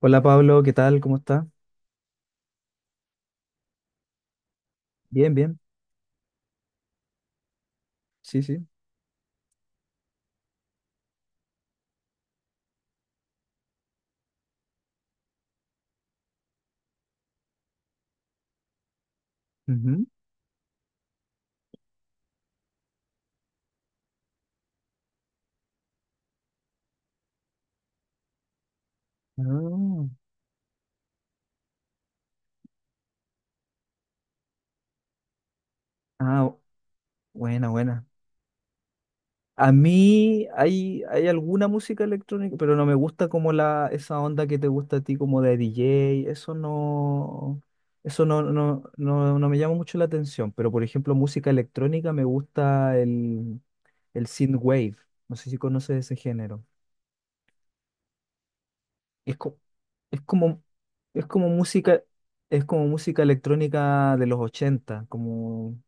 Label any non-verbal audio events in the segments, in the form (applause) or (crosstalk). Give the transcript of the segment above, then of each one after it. Hola Pablo, ¿qué tal? ¿Cómo está? Bien, bien. Sí, sí. Ujú. Ah, ah, buena, buena. A mí hay alguna música electrónica, pero no me gusta como esa onda que te gusta a ti, como de DJ. Eso no, no, no, no me llama mucho la atención. Pero por ejemplo, música electrónica me gusta el synthwave. No sé si conoces ese género. Es, co- es como, es como música, es como música electrónica de los 80 como,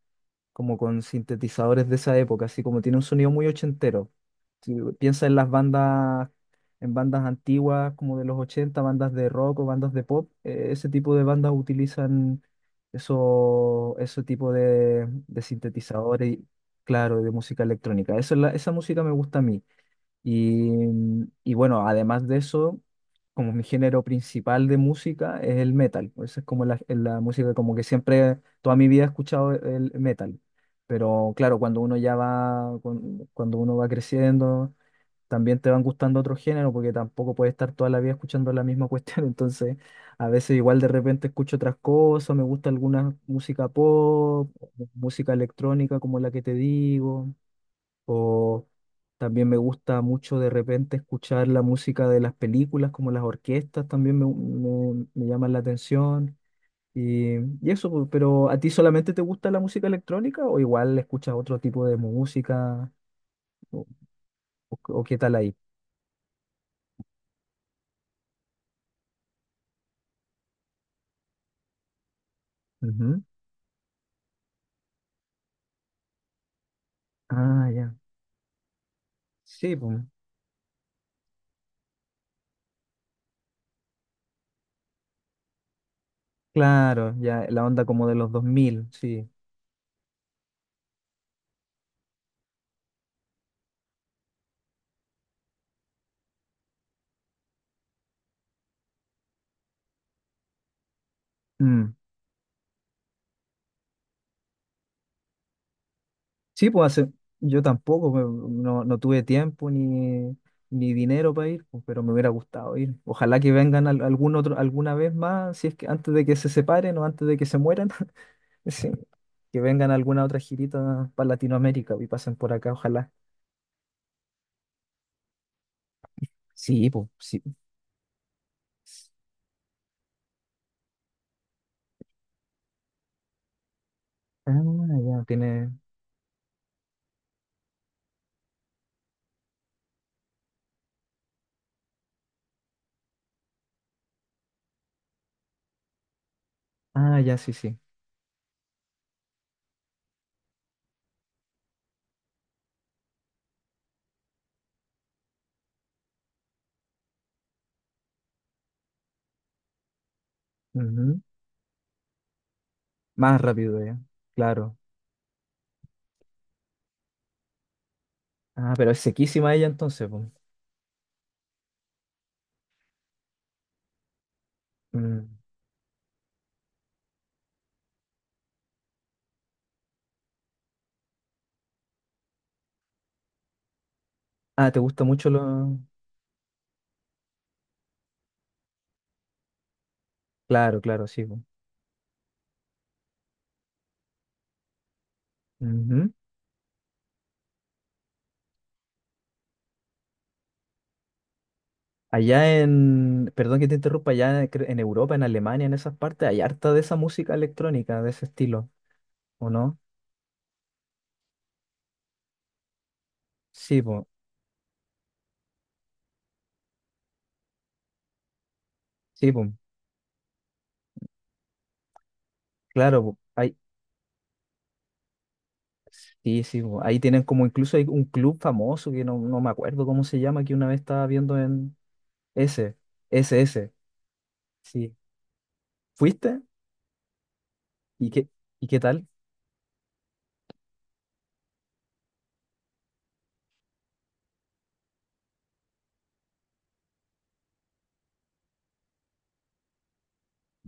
como con sintetizadores de esa época, así como tiene un sonido muy ochentero. Si piensa en en bandas antiguas como de los 80, bandas de rock o bandas de pop, ese tipo de bandas utilizan eso, ese tipo de sintetizadores y, claro, de música electrónica. Esa música me gusta a mí. Y, y bueno, además de eso, como mi género principal de música es el metal. Esa es como la música, como que siempre, toda mi vida he escuchado el metal. Pero claro, cuando uno ya va, con- cuando uno va creciendo, también te van gustando otros géneros, porque tampoco puedes estar toda la vida escuchando la misma cuestión. (laughs) Entonces, a veces igual de repente escucho otras cosas, me gusta alguna música pop, música electrónica como la que te digo. O también me gusta mucho de repente escuchar la música de las películas, como las orquestas también me llaman la atención. Y, y eso, pues, pero ¿a ti solamente te gusta la música electrónica o igual escuchas otro tipo de música? ¿O, o qué tal ahí? Ujú. Ah, ya. Sí, pues, claro, ya la onda como de los 2000, sí. Mm. Sí, pues hace- yo tampoco, pues, no tuve tiempo ni, ni dinero para ir, pues, pero me hubiera gustado ir. Ojalá que vengan algún otro, alguna vez más, si es que antes de que se separen o antes de que se mueran. (laughs) Sí, que vengan alguna otra girita para Latinoamérica y pasen por acá, ojalá. Sí, pues, sí. Ah, ya, tiene. Ah, ya, sí, sí. Ujú. Más rápido ya, claro. Ah, pero es sequísima ella entonces, pues. Mm. Ah, ¿te gusta mucho lo...? Claro, claro, sí, pues. Allá en, perdón que te interrumpa, en Europa, en Alemania, en esas partes, hay harta de esa música electrónica, de ese estilo, ¿o no? Sí, po, sí, po, claro, po, hay, sí, sí, po, ahí tienen como incluso hay un club famoso que no, no me acuerdo cómo se llama, que una vez estaba viendo en ese, ese, ese, sí. ¿Fuiste? ¿Y qué, y qué tal?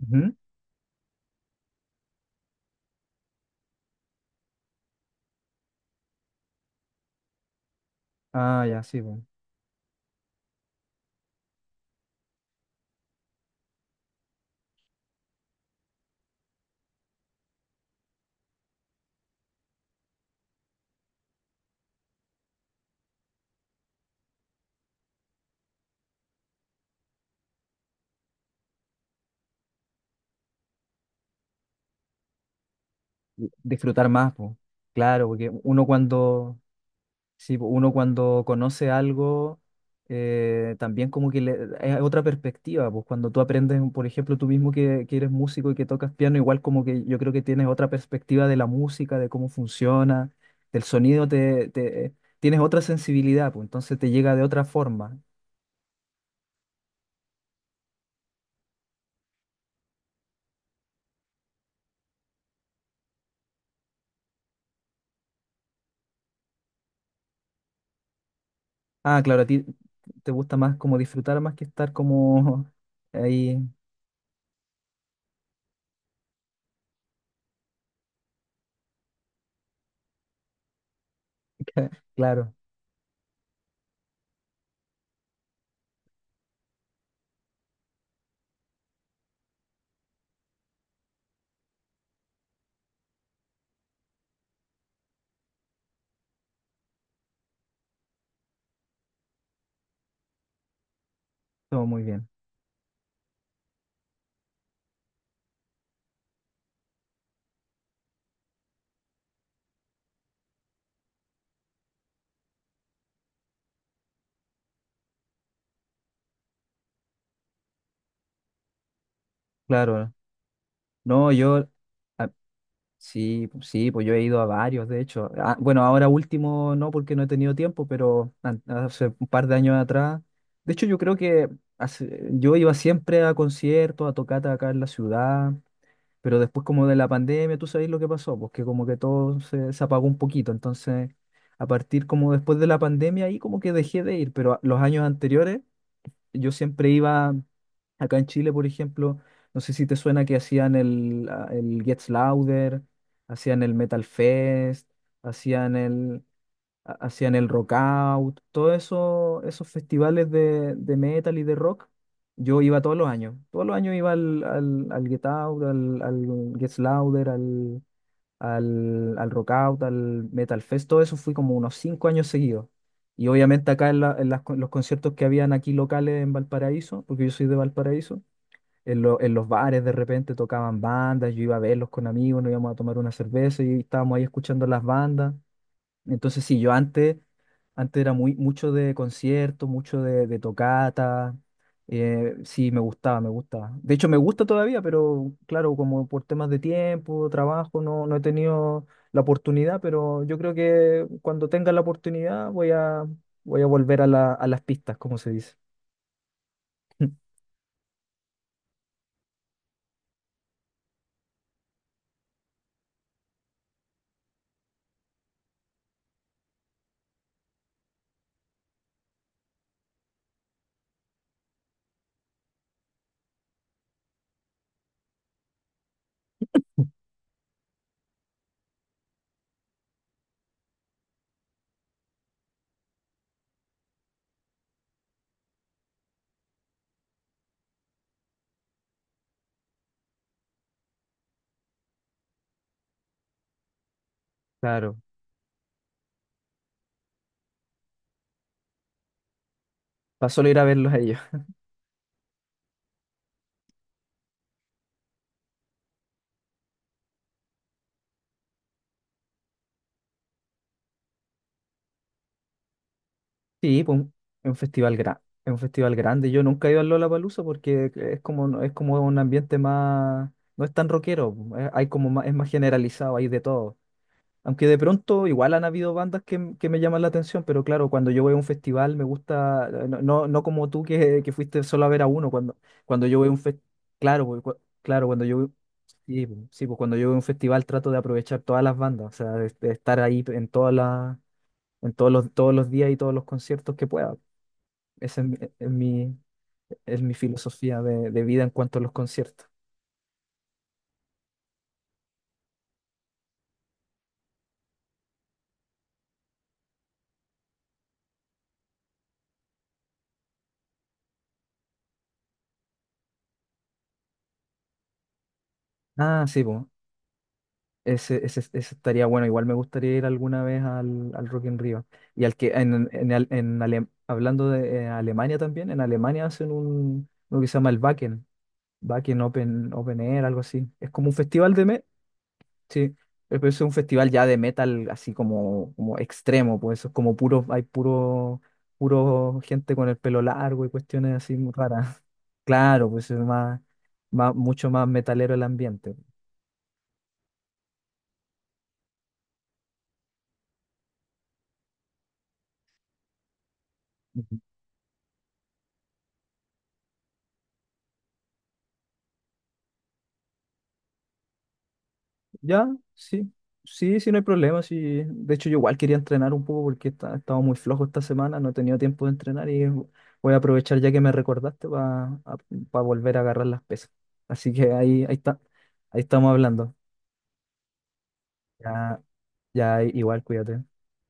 Ujú. Ah, ya, sí, po. Disfrutar más, po. Claro, porque uno cuando... Sí, po, uno cuando conoce algo, también como que le, es otra perspectiva, pues cuando tú aprendes, por ejemplo, tú mismo que eres músico y que tocas piano, igual como que yo creo que tienes otra perspectiva de la música, de cómo funciona, del sonido, tienes otra sensibilidad, pues entonces te llega de otra forma. Ah, claro, a ti te gusta más como disfrutar más que estar como (laughs) ahí. (laughs) Claro, todo muy bien, claro. No, yo... a-... Sí, pu- sí, pues yo he ido a varios, de hecho. Ah, bueno, ahora último no, porque no he tenido tiempo, pero an- hace un par de años atrás. De hecho, yo creo que yo iba siempre a conciertos, a tocatas acá en la ciudad, pero después como de la pandemia, tú sabes lo que pasó, porque como que todo se apagó un poquito. Entonces, a partir como después de la pandemia, ahí como que dejé de ir, pero los años anteriores yo siempre iba acá en Chile, por ejemplo, no sé si te suena que hacían el Gets Louder, hacían el Metal Fest, hacían hacían el Rock Out, todos eso, esos festivales de metal y de rock. Yo iba todos los años iba al Get Out, al Gets Louder, al Rockout, al Metal Fest, todo eso fui como unos 5 años seguidos. Y obviamente acá los conciertos que habían aquí locales en Valparaíso, porque yo soy de Valparaíso, en los bares de repente tocaban bandas, yo iba a verlos con amigos, nos íbamos a tomar una cerveza y estábamos ahí escuchando las bandas. Entonces sí, yo antes era muy, mucho de concierto, mucho de tocata. Eh, sí, me gustaba, me gustaba. De hecho, me gusta todavía, pero claro, como por temas de tiempo, trabajo, no he tenido la oportunidad, pero yo creo que cuando tenga la oportunidad voy a volver a a las pistas, como se dice. (laughs) Claro. Para solo ir a verlos a ellos. Sí, pues un- es un festival grande, es un festival grande. Yo nunca he ido al Lollapalooza porque es como, no, es como un ambiente más, no es tan rockero, pues, es más generalizado, hay de todo. Aunque de pronto igual han habido bandas que me llaman la atención, pero claro, cuando yo voy a un festival me gusta, no, no, no como tú que fuiste solo a ver a uno, cuando, cuando yo voy a un festival, claro, porque claro, cuando yo voy... sí, pues cuando yo voy a un festival trato de aprovechar todas las bandas, o sea, de estar ahí en todos los días y todos los conciertos que pueda. Esa es, mi, e, es mi filosofía de vida en cuanto a los conciertos. Ah, sí, pues. Ese estaría bueno. Igual me gustaría ir alguna vez al Rock in Rio. Y al que, hablando de Alemania también, en Alemania hacen un, lo que se llama el Wacken, Wacken Open, Open Air, algo así. Es como un festival de, me-... Sí, pero eso es un festival ya de metal así como, como extremo, pues eso es como puro, hay puro, puro gente con el pelo largo y cuestiones así muy raras. (laughs) Claro, pues es más, más, mucho más metalero el ambiente. Ujú. Ya, sí, sí, sí, no hay problema, sí. De hecho, yo igual quería entrenar un poco porque he estado muy flojo esta semana, no he tenido tiempo de entrenar y voy a aprovechar ya que me recordaste para volver a agarrar las pesas. Así que ahí está, ahí estamos hablando. Ya. Ya, igual, cuídate.